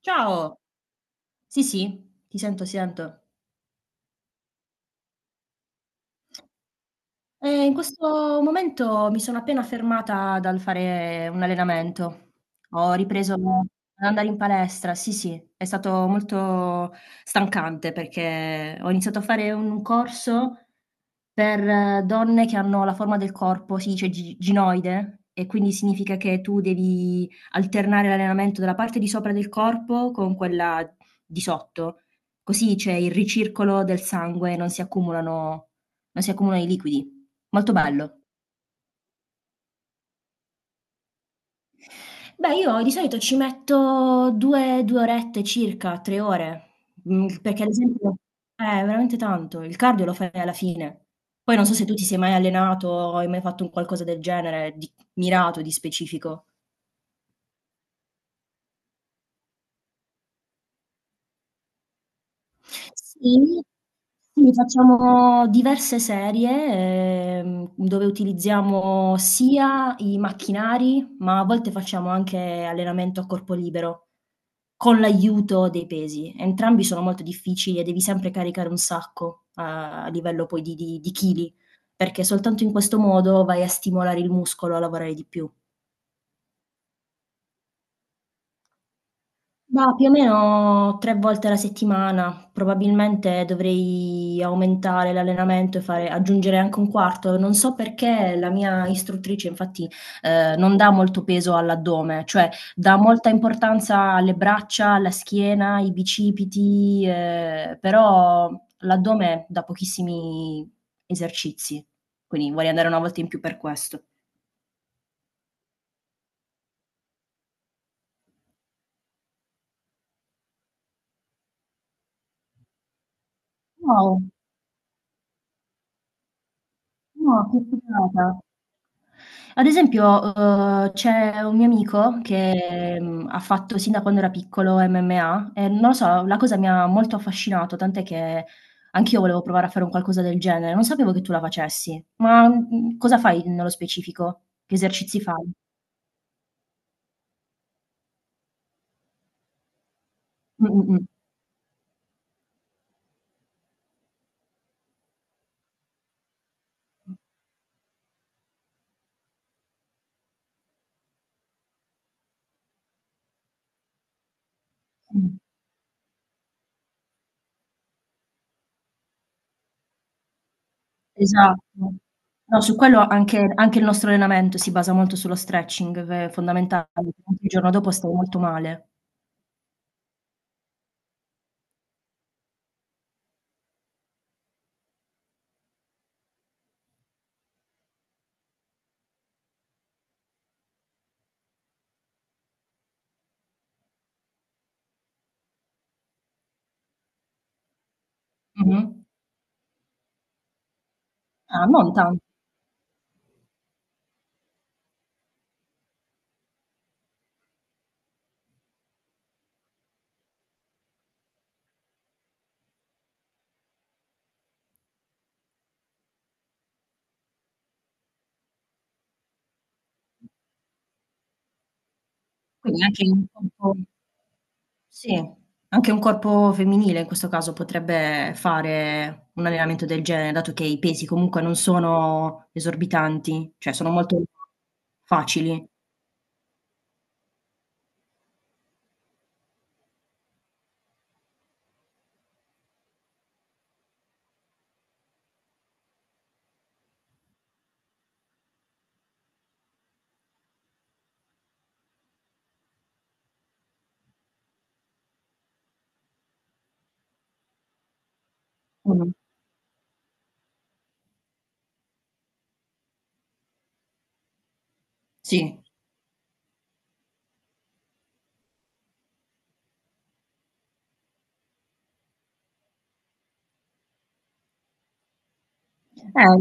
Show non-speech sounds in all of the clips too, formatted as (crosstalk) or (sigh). Ciao. Sì, sì, ti sento, ti sento. In questo momento mi sono appena fermata dal fare un allenamento. Ho ripreso ad andare in palestra, sì, sì, è stato molto stancante perché ho iniziato a fare un corso per donne che hanno la forma del corpo, si dice gi ginoide, e quindi significa che tu devi alternare l'allenamento della parte di sopra del corpo con quella di sotto, così c'è il ricircolo del sangue e non si accumulano i liquidi. Molto bello. Beh, io di solito ci metto 2 orette circa, 3 ore, perché ad esempio. Eh, veramente tanto. Il cardio lo fai alla fine. Poi non so se tu ti sei mai allenato o hai mai fatto un qualcosa del genere, di mirato, di specifico. Sì, sì, facciamo diverse serie, dove utilizziamo sia i macchinari, ma a volte facciamo anche allenamento a corpo libero, con l'aiuto dei pesi. Entrambi sono molto difficili e devi sempre caricare un sacco, a livello poi di chili, perché soltanto in questo modo vai a stimolare il muscolo a lavorare di più. Ma più o meno 3 volte alla settimana, probabilmente dovrei aumentare l'allenamento e fare aggiungere anche un quarto. Non so perché la mia istruttrice infatti, non dà molto peso all'addome, cioè dà molta importanza alle braccia, alla schiena, ai bicipiti, però l'addome dà pochissimi esercizi, quindi vorrei andare una volta in più per questo. Wow! No, che figata. Ad esempio, c'è un mio amico che, ha fatto sin da quando era piccolo MMA e non lo so, la cosa mi ha molto affascinato, tant'è che anch'io volevo provare a fare un qualcosa del genere. Non sapevo che tu la facessi, ma, cosa fai nello specifico? Che esercizi fai? Mh-mh. Mh. Esatto. No, su quello anche il nostro allenamento si basa molto sullo stretching, che è fondamentale, altrimenti il giorno dopo stai molto male. Mh-mh. Ah, non tan quindi anche un po' Sì, anche un corpo femminile in questo caso potrebbe fare un allenamento del genere, dato che i pesi comunque non sono esorbitanti, cioè sono molto facili. Mh-mh. Sì. Eh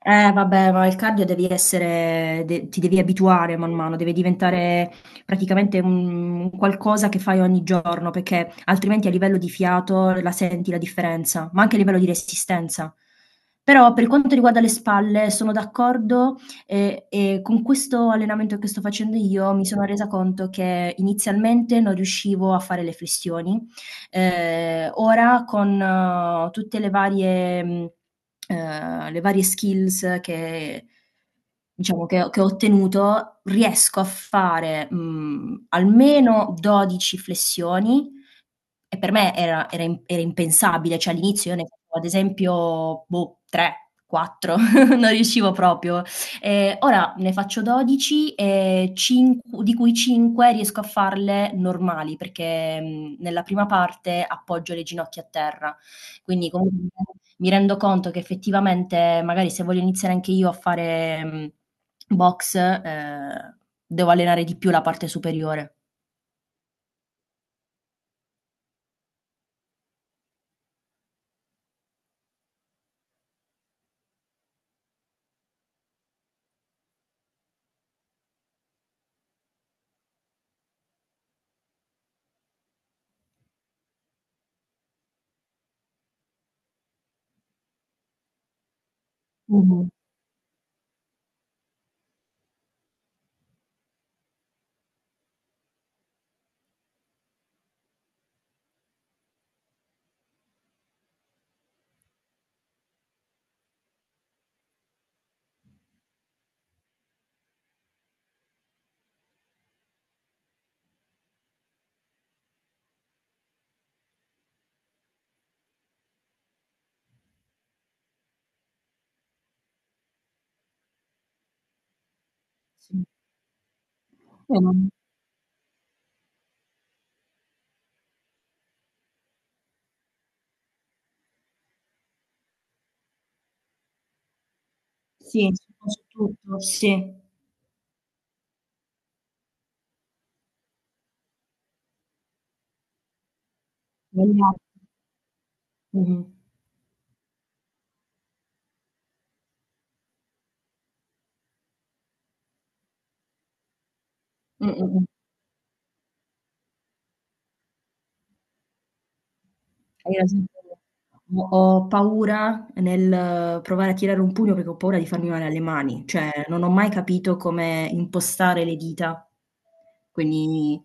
Eh vabbè, ma il cardio devi essere de ti devi abituare man mano, deve diventare praticamente un qualcosa che fai ogni giorno, perché altrimenti a livello di fiato la senti la differenza, ma anche a livello di resistenza. Però per quanto riguarda le spalle sono d'accordo, e con questo allenamento che sto facendo io mi sono resa conto che inizialmente non riuscivo a fare le flessioni. Ora con tutte le varie skills che diciamo che ho ottenuto, riesco a fare, almeno 12 flessioni e per me era impensabile, cioè all'inizio io ne facevo ad esempio, boh, 3, 4, (laughs) non riuscivo proprio. Ora ne faccio 12, e di cui 5 riesco a farle normali, perché nella prima parte appoggio le ginocchia a terra. Quindi comunque mi rendo conto che effettivamente, magari se voglio iniziare anche io a fare box, devo allenare di più la parte superiore. Mh-mh, sì. Vero. Sì, su su tutto. Sì. Sbagliato. Mh-mh. Mh, mh, mh. Hai ragione. Ho paura nel provare a tirare un pugno perché ho paura di farmi male alle mani, cioè non ho mai capito come impostare le dita. Quindi.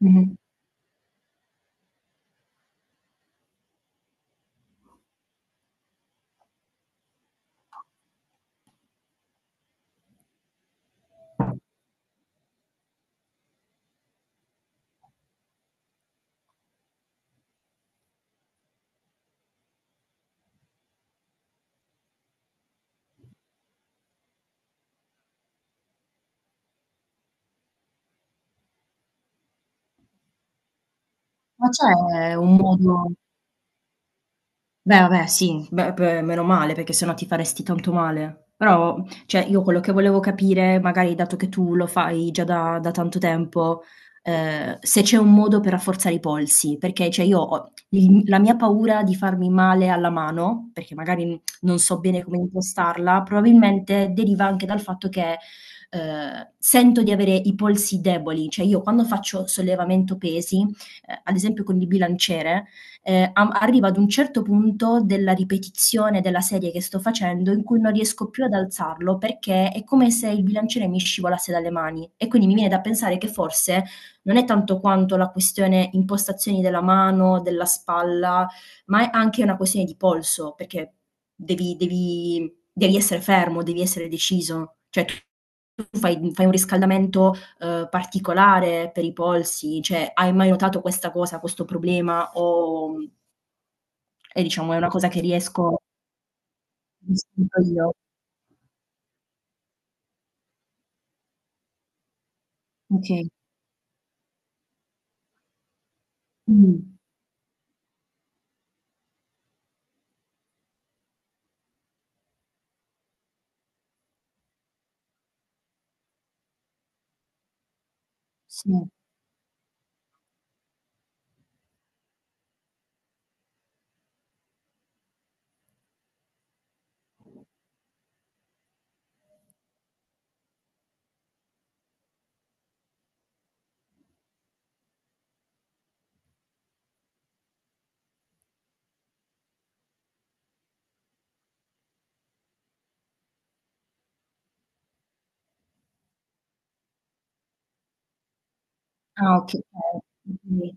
Mh-mh. Ma c'è un modo. Beh, vabbè sì, beh, meno male perché se no ti faresti tanto male. Però, cioè io quello che volevo capire, magari dato che tu lo fai già da tanto tempo, se c'è un modo per rafforzare i polsi, perché cioè io ho il la mia paura di farmi male alla mano, perché magari non so bene come impostarla, probabilmente deriva anche dal fatto che, sento di avere i polsi deboli. Cioè io quando faccio sollevamento pesi, ad esempio con il bilanciere, arrivo ad un certo punto della ripetizione della serie che sto facendo in cui non riesco più ad alzarlo perché è come se il bilanciere mi scivolasse dalle mani e quindi mi viene da pensare che forse non è tanto quanto la questione impostazioni della mano, della spalla, ma è anche una questione di polso, perché devi essere fermo, devi essere deciso. Cioè, tu fai un riscaldamento particolare per i polsi? Cioè, hai mai notato questa cosa, questo problema o è diciamo è una cosa che sento io? Okay. Mh. Sì. Ah, okay. Okay.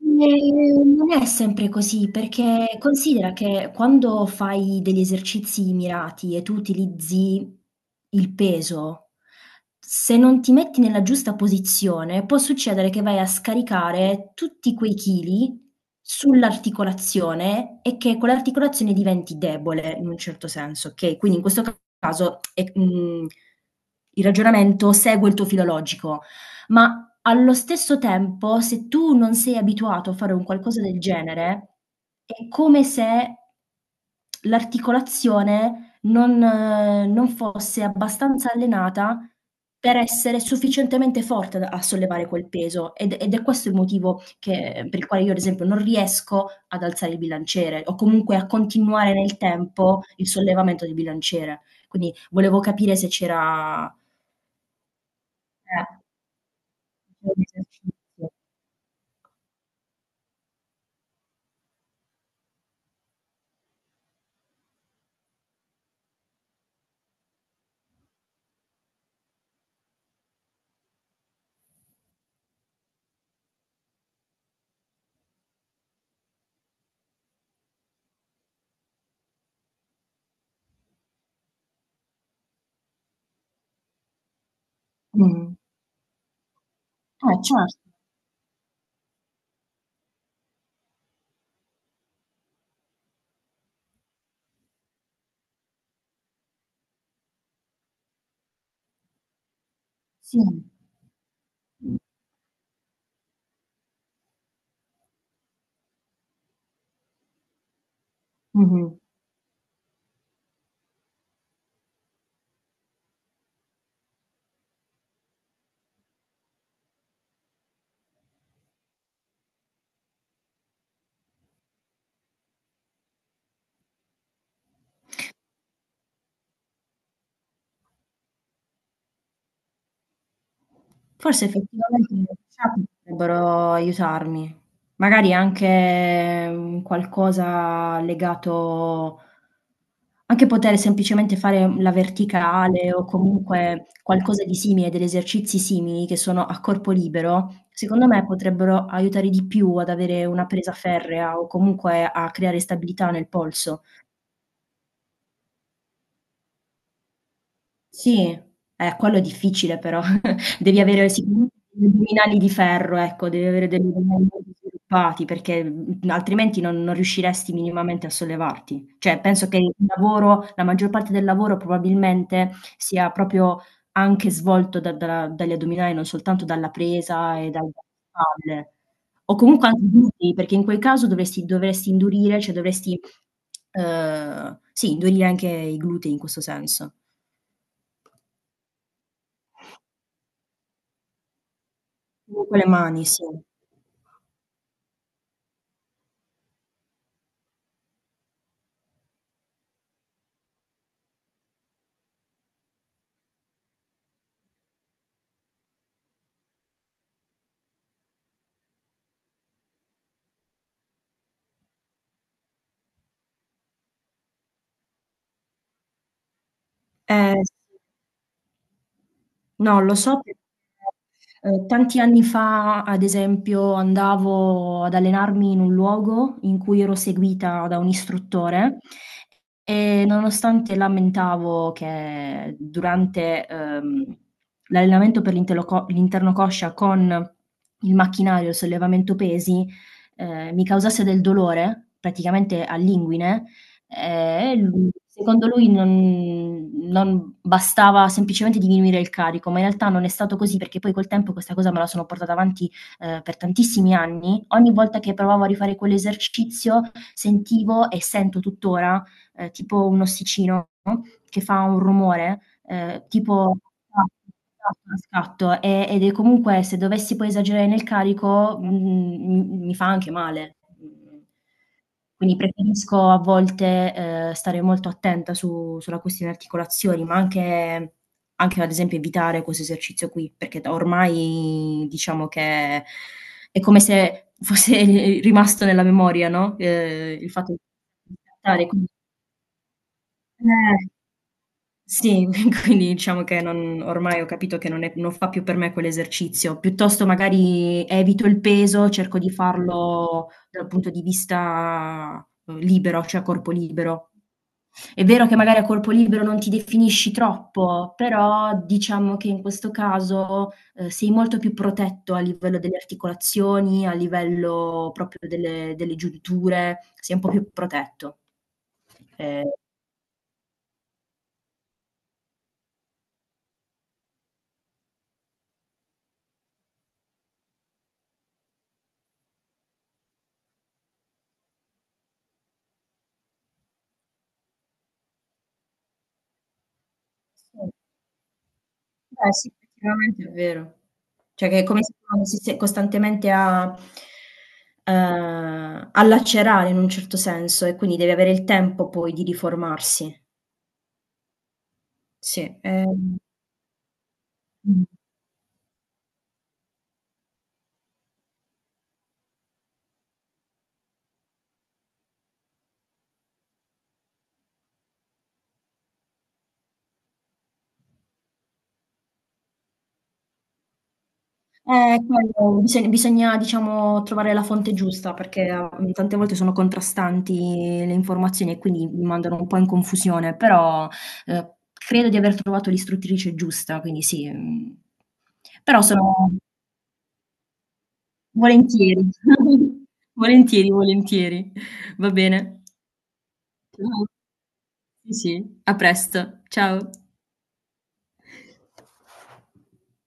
Non è sempre così, perché considera che quando fai degli esercizi mirati e tu utilizzi il peso, se non ti metti nella giusta posizione, può succedere che vai a scaricare tutti quei chili sull'articolazione e che quell'articolazione diventi debole in un certo senso, okay? Quindi in questo caso è il ragionamento segue il tuo filo logico, ma allo stesso tempo, se tu non sei abituato a fare un qualcosa del genere, è come se l'articolazione non fosse abbastanza allenata per essere sufficientemente forte da a sollevare quel peso, ed è questo il motivo che per il quale io, ad esempio, non riesco ad alzare il bilanciere, o comunque a continuare nel tempo il sollevamento del bilanciere. Quindi volevo capire se c'era eh, un esercizio. Mh. Eh certo, sì. Mh. Mh-mh. Forse effettivamente le workshop potrebbero aiutarmi. Magari anche un qualcosa legato anche poter semplicemente fare la verticale o comunque qualcosa di simile, degli esercizi simili che sono a corpo libero, secondo me potrebbero aiutare di più ad avere una presa ferrea o comunque a creare stabilità nel polso. Sì, quello è difficile però. Devi avere sicuramente degli addominali di ferro, ecco, devi avere degli addominali molto sviluppati perché, altrimenti non riusciresti minimamente a sollevarti. Cioè, penso che il lavoro la maggior parte del lavoro probabilmente sia proprio anche svolto da da dagli addominali, non soltanto dalla presa e dalle spalle. O comunque anche glutei, perché in quel caso dovresti indurire, cioè dovresti, sì, indurire anche i glutei in questo senso. Comunque le mani, sì. Sì. No, lo so perché, tanti anni fa, ad esempio, andavo ad allenarmi in un luogo in cui ero seguita da un istruttore e nonostante lamentavo che durante, l'allenamento per l'interno coscia con il macchinario, il sollevamento pesi, mi causasse del dolore, praticamente all'inguine, lui secondo lui non bastava semplicemente diminuire il carico, ma in realtà non è stato così perché poi col tempo questa cosa me la sono portata avanti, per tantissimi anni. Ogni volta che provavo a rifare quell'esercizio sentivo e sento tuttora tipo un ossicino che fa un rumore, tipo a scatto, ed è comunque se dovessi poi esagerare nel carico, mi fa anche male. Mhmm, quindi preferisco a volte, stare molto attenta su sulla questione articolazioni, ma anche ad esempio evitare questo esercizio qui, perché da ormai diciamo che è come se fosse (laughs) rimasto nella memoria, no, il fatto di scattare, quindi eh, sì, (laughs) quindi diciamo che non ormai ho capito che non fa più per me quell'esercizio. Piuttosto magari evito il peso, cerco di farlo dal punto di vista, libero, cioè a corpo libero. È vero che magari a corpo libero non ti definisci troppo, però diciamo che in questo caso, sei molto più protetto a livello delle articolazioni, a livello proprio delle giunture, sei un po' più protetto. Ehm, sì. Beh sì, effettivamente è vero. Cioè che è come se uno si stesse costantemente a lacerare in un certo senso e quindi deve avere il tempo poi di riformarsi. Sì, mh. Quello bisogna diciamo trovare la fonte giusta perché, tante volte sono contrastanti le informazioni e quindi mi mandano un po' in confusione, però, credo di aver trovato l'istruttrice giusta, quindi sì, però sono. Volentieri. (laughs) Volentieri, volentieri. Va bene. Ciao. Sì, sì. A presto. Ciao.